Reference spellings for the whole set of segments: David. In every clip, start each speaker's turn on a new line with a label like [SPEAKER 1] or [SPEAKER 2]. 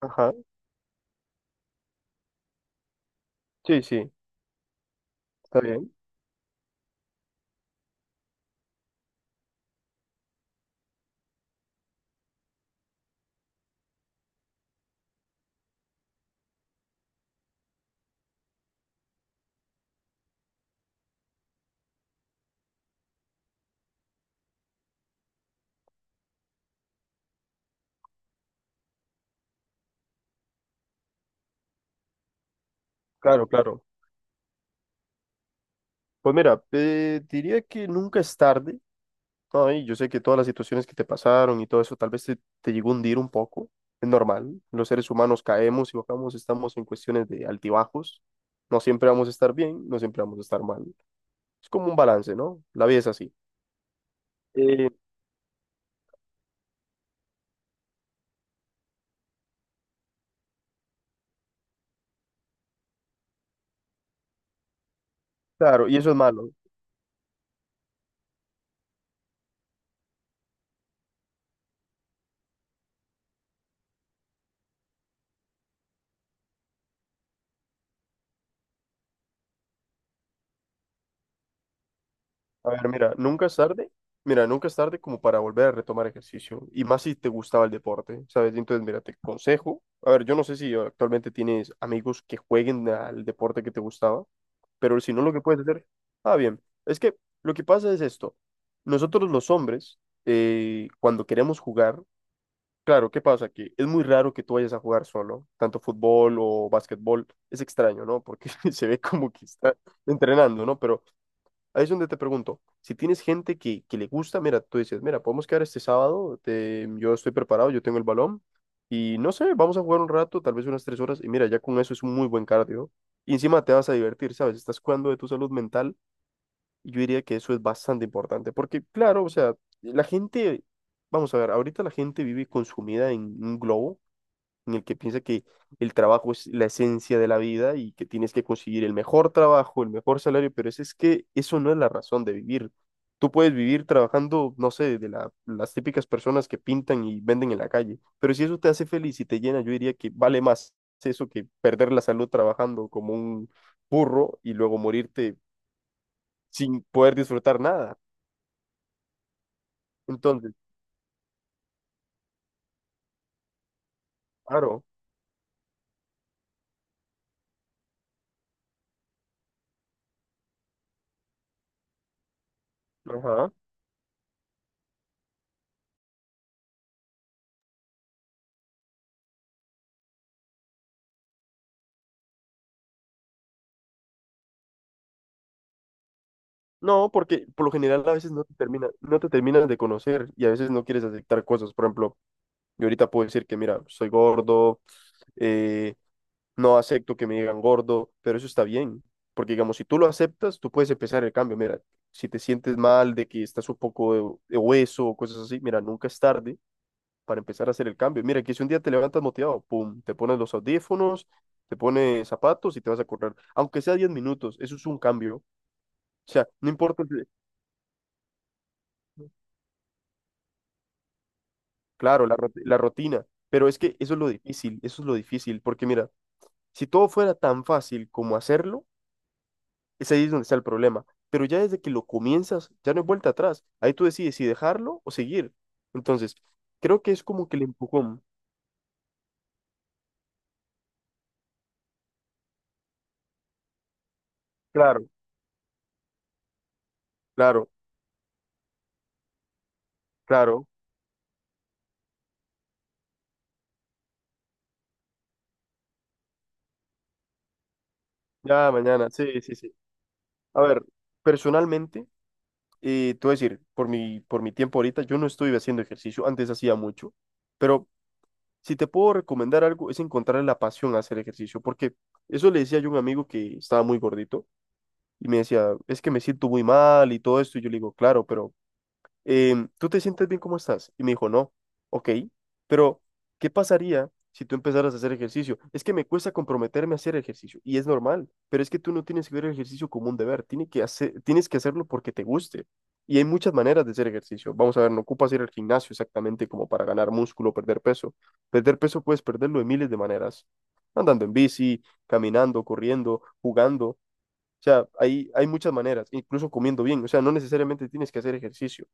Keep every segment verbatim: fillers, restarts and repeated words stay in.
[SPEAKER 1] Ajá, sí, sí, está bien. Claro, claro. Pues mira, eh, diría que nunca es tarde, ¿no? Y yo sé que todas las situaciones que te pasaron y todo eso tal vez te, te llegó a hundir un poco. Es normal. Los seres humanos caemos y bajamos, estamos en cuestiones de altibajos. No siempre vamos a estar bien, no siempre vamos a estar mal. Es como un balance, ¿no? La vida es así. Eh, claro, y eso es malo. A ver, mira, nunca es tarde, mira, nunca es tarde como para volver a retomar ejercicio, y más si te gustaba el deporte, ¿sabes? Entonces, mira, te aconsejo, a ver, yo no sé si actualmente tienes amigos que jueguen al deporte que te gustaba, pero si no, lo que puedes hacer, ah, bien, es que lo que pasa es esto, nosotros los hombres, eh, cuando queremos jugar, claro, ¿qué pasa? Que es muy raro que tú vayas a jugar solo, tanto fútbol o básquetbol, es extraño, ¿no? Porque se ve como que está entrenando, ¿no? Pero ahí es donde te pregunto, si tienes gente que, que le gusta, mira, tú dices, mira, podemos quedar este sábado, te- yo estoy preparado, yo tengo el balón y no sé, vamos a jugar un rato, tal vez unas tres horas y mira, ya con eso es un muy buen cardio y encima te vas a divertir, ¿sabes? Estás cuidando de tu salud mental y yo diría que eso es bastante importante porque, claro, o sea, la gente, vamos a ver, ahorita la gente vive consumida en un globo en el que piensa que el trabajo es la esencia de la vida y que tienes que conseguir el mejor trabajo, el mejor salario, pero es, es que eso no es la razón de vivir. Tú puedes vivir trabajando, no sé, de la- las típicas personas que pintan y venden en la calle, pero si eso te hace feliz y te llena, yo diría que vale más eso que perder la salud trabajando como un burro y luego morirte sin poder disfrutar nada. Entonces, claro, ajá. No, porque por lo general a veces no te termina, no te terminas de conocer y a veces no quieres aceptar cosas. Por ejemplo, yo ahorita puedo decir que, mira, soy gordo, eh, no acepto que me digan gordo, pero eso está bien. Porque, digamos, si tú lo aceptas, tú puedes empezar el cambio. Mira, si te sientes mal de que estás un poco de, de hueso o cosas así, mira, nunca es tarde para empezar a hacer el cambio. Mira, que si un día te levantas motivado, pum, te pones los audífonos, te pones zapatos y te vas a correr. Aunque sea diez minutos, eso es un cambio. O sea, no importa. Si claro, la, rut- la rutina, pero es que eso es lo difícil, eso es lo difícil, porque mira, si todo fuera tan fácil como hacerlo, es ahí es donde está el problema, pero ya desde que lo comienzas, ya no hay vuelta atrás, ahí tú decides si dejarlo o seguir. Entonces, creo que es como que el empujón. Claro, claro, claro, ya mañana, sí, sí, sí. A ver, personalmente, eh, te voy a decir, por mi, por mi tiempo ahorita, yo no estoy haciendo ejercicio, antes hacía mucho, pero si te puedo recomendar algo, es encontrar la pasión a hacer ejercicio, porque eso le decía yo a un amigo que estaba muy gordito y me decía, es que me siento muy mal y todo esto, y yo le digo, claro, pero em, ¿tú te sientes bien como estás? Y me dijo, no, ok, pero ¿qué pasaría si tú empezaras a hacer ejercicio? Es que me cuesta comprometerme a hacer ejercicio y es normal, pero es que tú no tienes que ver el ejercicio como un deber, tiene que hacer, tienes que hacerlo porque te guste. Y hay muchas maneras de hacer ejercicio. Vamos a ver, no ocupas ir al gimnasio exactamente como para ganar músculo o perder peso. Perder peso puedes perderlo de miles de maneras. Andando en bici, caminando, corriendo, jugando. O sea, hay, hay muchas maneras, incluso comiendo bien. O sea, no necesariamente tienes que hacer ejercicio,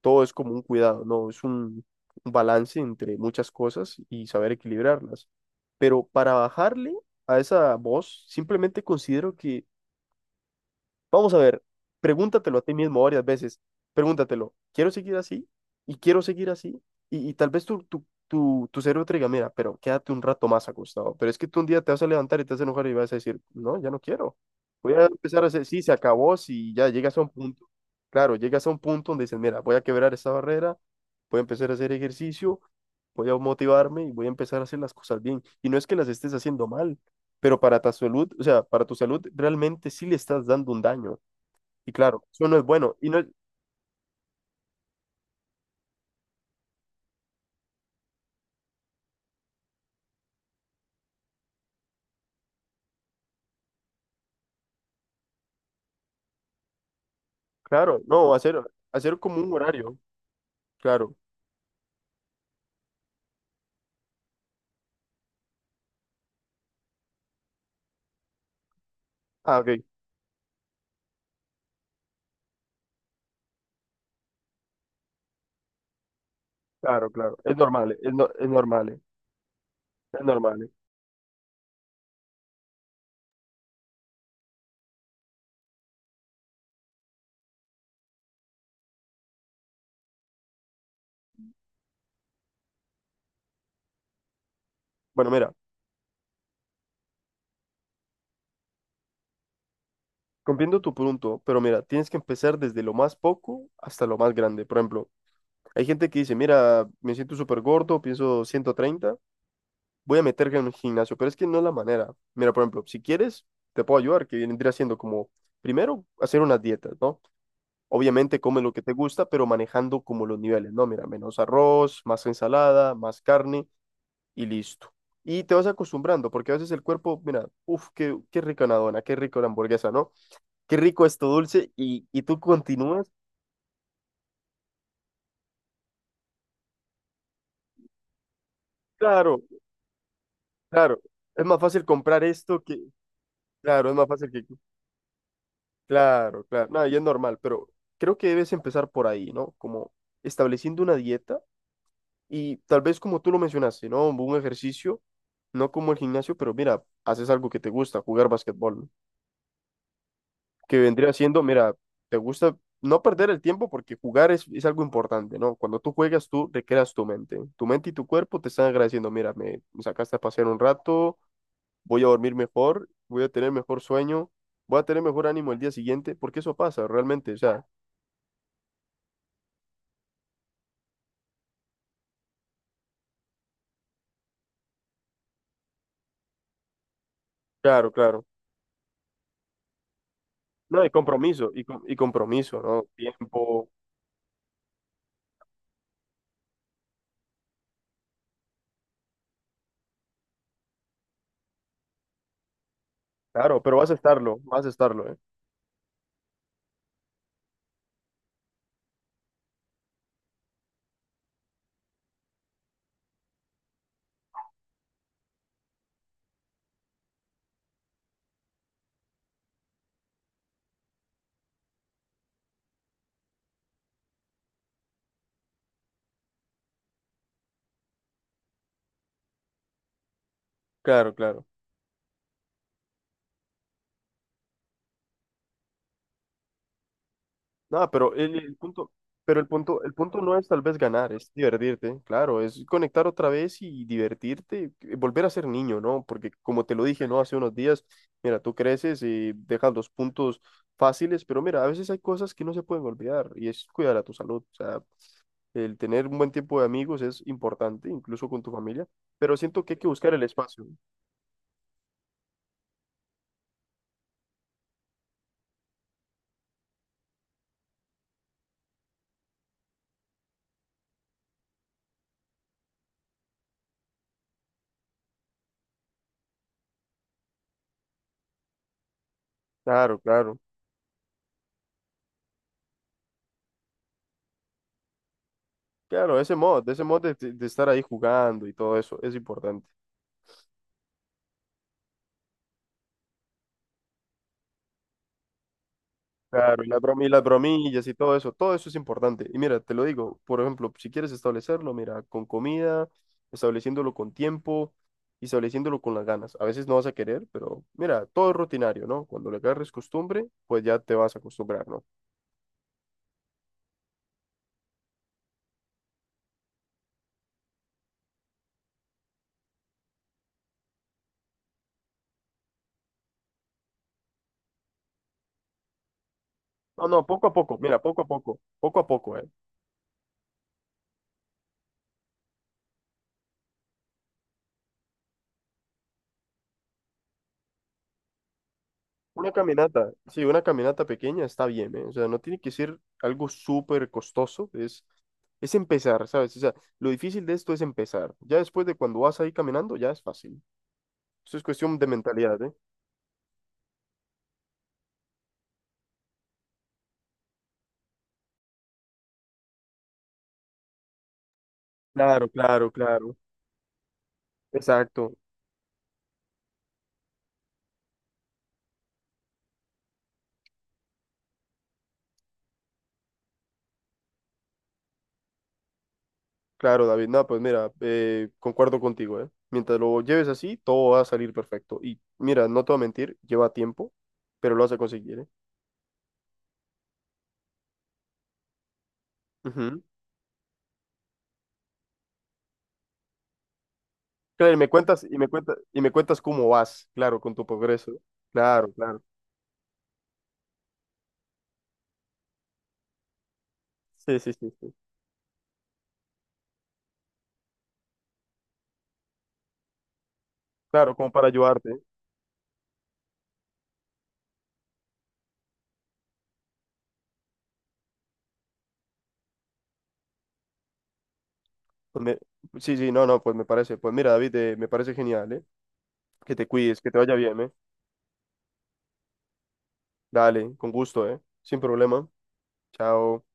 [SPEAKER 1] todo es como un cuidado, ¿no? Es un, un balance entre muchas cosas y saber equilibrarlas. Pero para bajarle a esa voz, simplemente considero que vamos a ver, pregúntatelo a ti mismo varias veces. Pregúntatelo, ¿quiero seguir así? ¿Y quiero seguir así? Y, y tal vez tu, tu, tu, tu cerebro te diga, mira, pero quédate un rato más acostado. Pero es que tú un día te vas a levantar y te vas a enojar y vas a decir, no, ya no quiero. Voy a empezar a hacer, sí, se acabó, si ya llegas a un punto. Claro, llegas a un punto donde dices, mira, voy a quebrar esta barrera, voy a empezar a hacer ejercicio, voy a motivarme y voy a empezar a hacer las cosas bien. Y no es que las estés haciendo mal, pero para tu salud, o sea, para tu salud realmente sí le estás dando un daño. Y claro, eso no es bueno. Y no es, claro, no, hacer, hacer como un horario. Claro. Ah, ok. Claro, claro. Es normal, es, no- es normal, es normal. Bueno, mira, comprendo tu punto, pero mira, tienes que empezar desde lo más poco hasta lo más grande. Por ejemplo, hay gente que dice, mira, me siento súper gordo, pienso ciento treinta, voy a meterme en un gimnasio, pero es que no es la manera. Mira, por ejemplo, si quieres, te puedo ayudar, que vendría siendo como, primero, hacer unas dietas, ¿no? Obviamente come lo que te gusta, pero manejando como los niveles, ¿no? Mira, menos arroz, más ensalada, más carne y listo. Y te vas acostumbrando, porque a veces el cuerpo, mira, uff, qué, qué rica una dona, qué rica una hamburguesa, ¿no? Qué rico esto dulce y, y tú continúas. Claro, claro, es más fácil comprar esto que, claro, es más fácil que, claro, claro, nada, y es normal, pero creo que debes empezar por ahí, ¿no? Como estableciendo una dieta. Y tal vez como tú lo mencionaste, ¿no? Un ejercicio, no como el gimnasio, pero mira, haces algo que te gusta, jugar basquetbol, ¿no? Que vendría siendo, mira, te gusta no perder el tiempo porque jugar es, es algo importante, ¿no? Cuando tú juegas, tú recreas tu mente. Tu mente y tu cuerpo te están agradeciendo, mira, me, me sacaste a pasear un rato, voy a dormir mejor, voy a tener mejor sueño, voy a tener mejor ánimo el día siguiente, porque eso pasa realmente, o sea, claro, claro. No, y compromiso, y, com- y compromiso, ¿no? Tiempo, claro, pero vas a estarlo, vas a estarlo, ¿eh? Claro, claro. Nada, pero el, el punto, pero el punto, el punto no es tal vez ganar, es divertirte, claro, es conectar otra vez y divertirte, eh, volver a ser niño, ¿no? Porque como te lo dije, ¿no? Hace unos días, mira, tú creces y dejas los puntos fáciles, pero mira, a veces hay cosas que no se pueden olvidar y es cuidar a tu salud, o sea, el tener un buen tiempo de amigos es importante, incluso con tu familia, pero siento que hay que buscar el espacio, ¿no? Claro, claro. Claro, ese mod, ese mod de de- de estar ahí jugando y todo eso es importante. Claro, y las bromi- y las bromillas y todo eso, todo eso es importante. Y mira, te lo digo, por ejemplo, si quieres establecerlo, mira, con comida, estableciéndolo con tiempo y estableciéndolo con las ganas. A veces no vas a querer, pero mira, todo es rutinario, ¿no? Cuando le agarres costumbre, pues ya te vas a acostumbrar, ¿no? No, no, poco a poco, mira, poco a poco, poco a poco, ¿eh? Una caminata, sí, una caminata pequeña está bien, ¿eh? O sea, no tiene que ser algo súper costoso, es... Es empezar, ¿sabes? O sea, lo difícil de esto es empezar. Ya después de cuando vas ahí caminando, ya es fácil. Eso es cuestión de mentalidad, ¿eh? Claro, claro, claro. Exacto. Claro, David. No, pues mira, eh, concuerdo contigo, ¿eh? Mientras lo lleves así, todo va a salir perfecto. Y mira, no te voy a mentir, lleva tiempo, pero lo vas a conseguir, ¿eh? Ujú. Claro, y me cuentas, y me cuentas, y me cuentas cómo vas, claro, con tu progreso. Claro, claro. Sí, sí, sí, sí. Claro, como para ayudarte, ¿eh? Pues me- sí, sí, no, no, pues me parece. Pues mira, David, eh, me parece genial, ¿eh? Que te cuides, que te vaya bien, ¿eh? Dale, con gusto, ¿eh? Sin problema. Chao.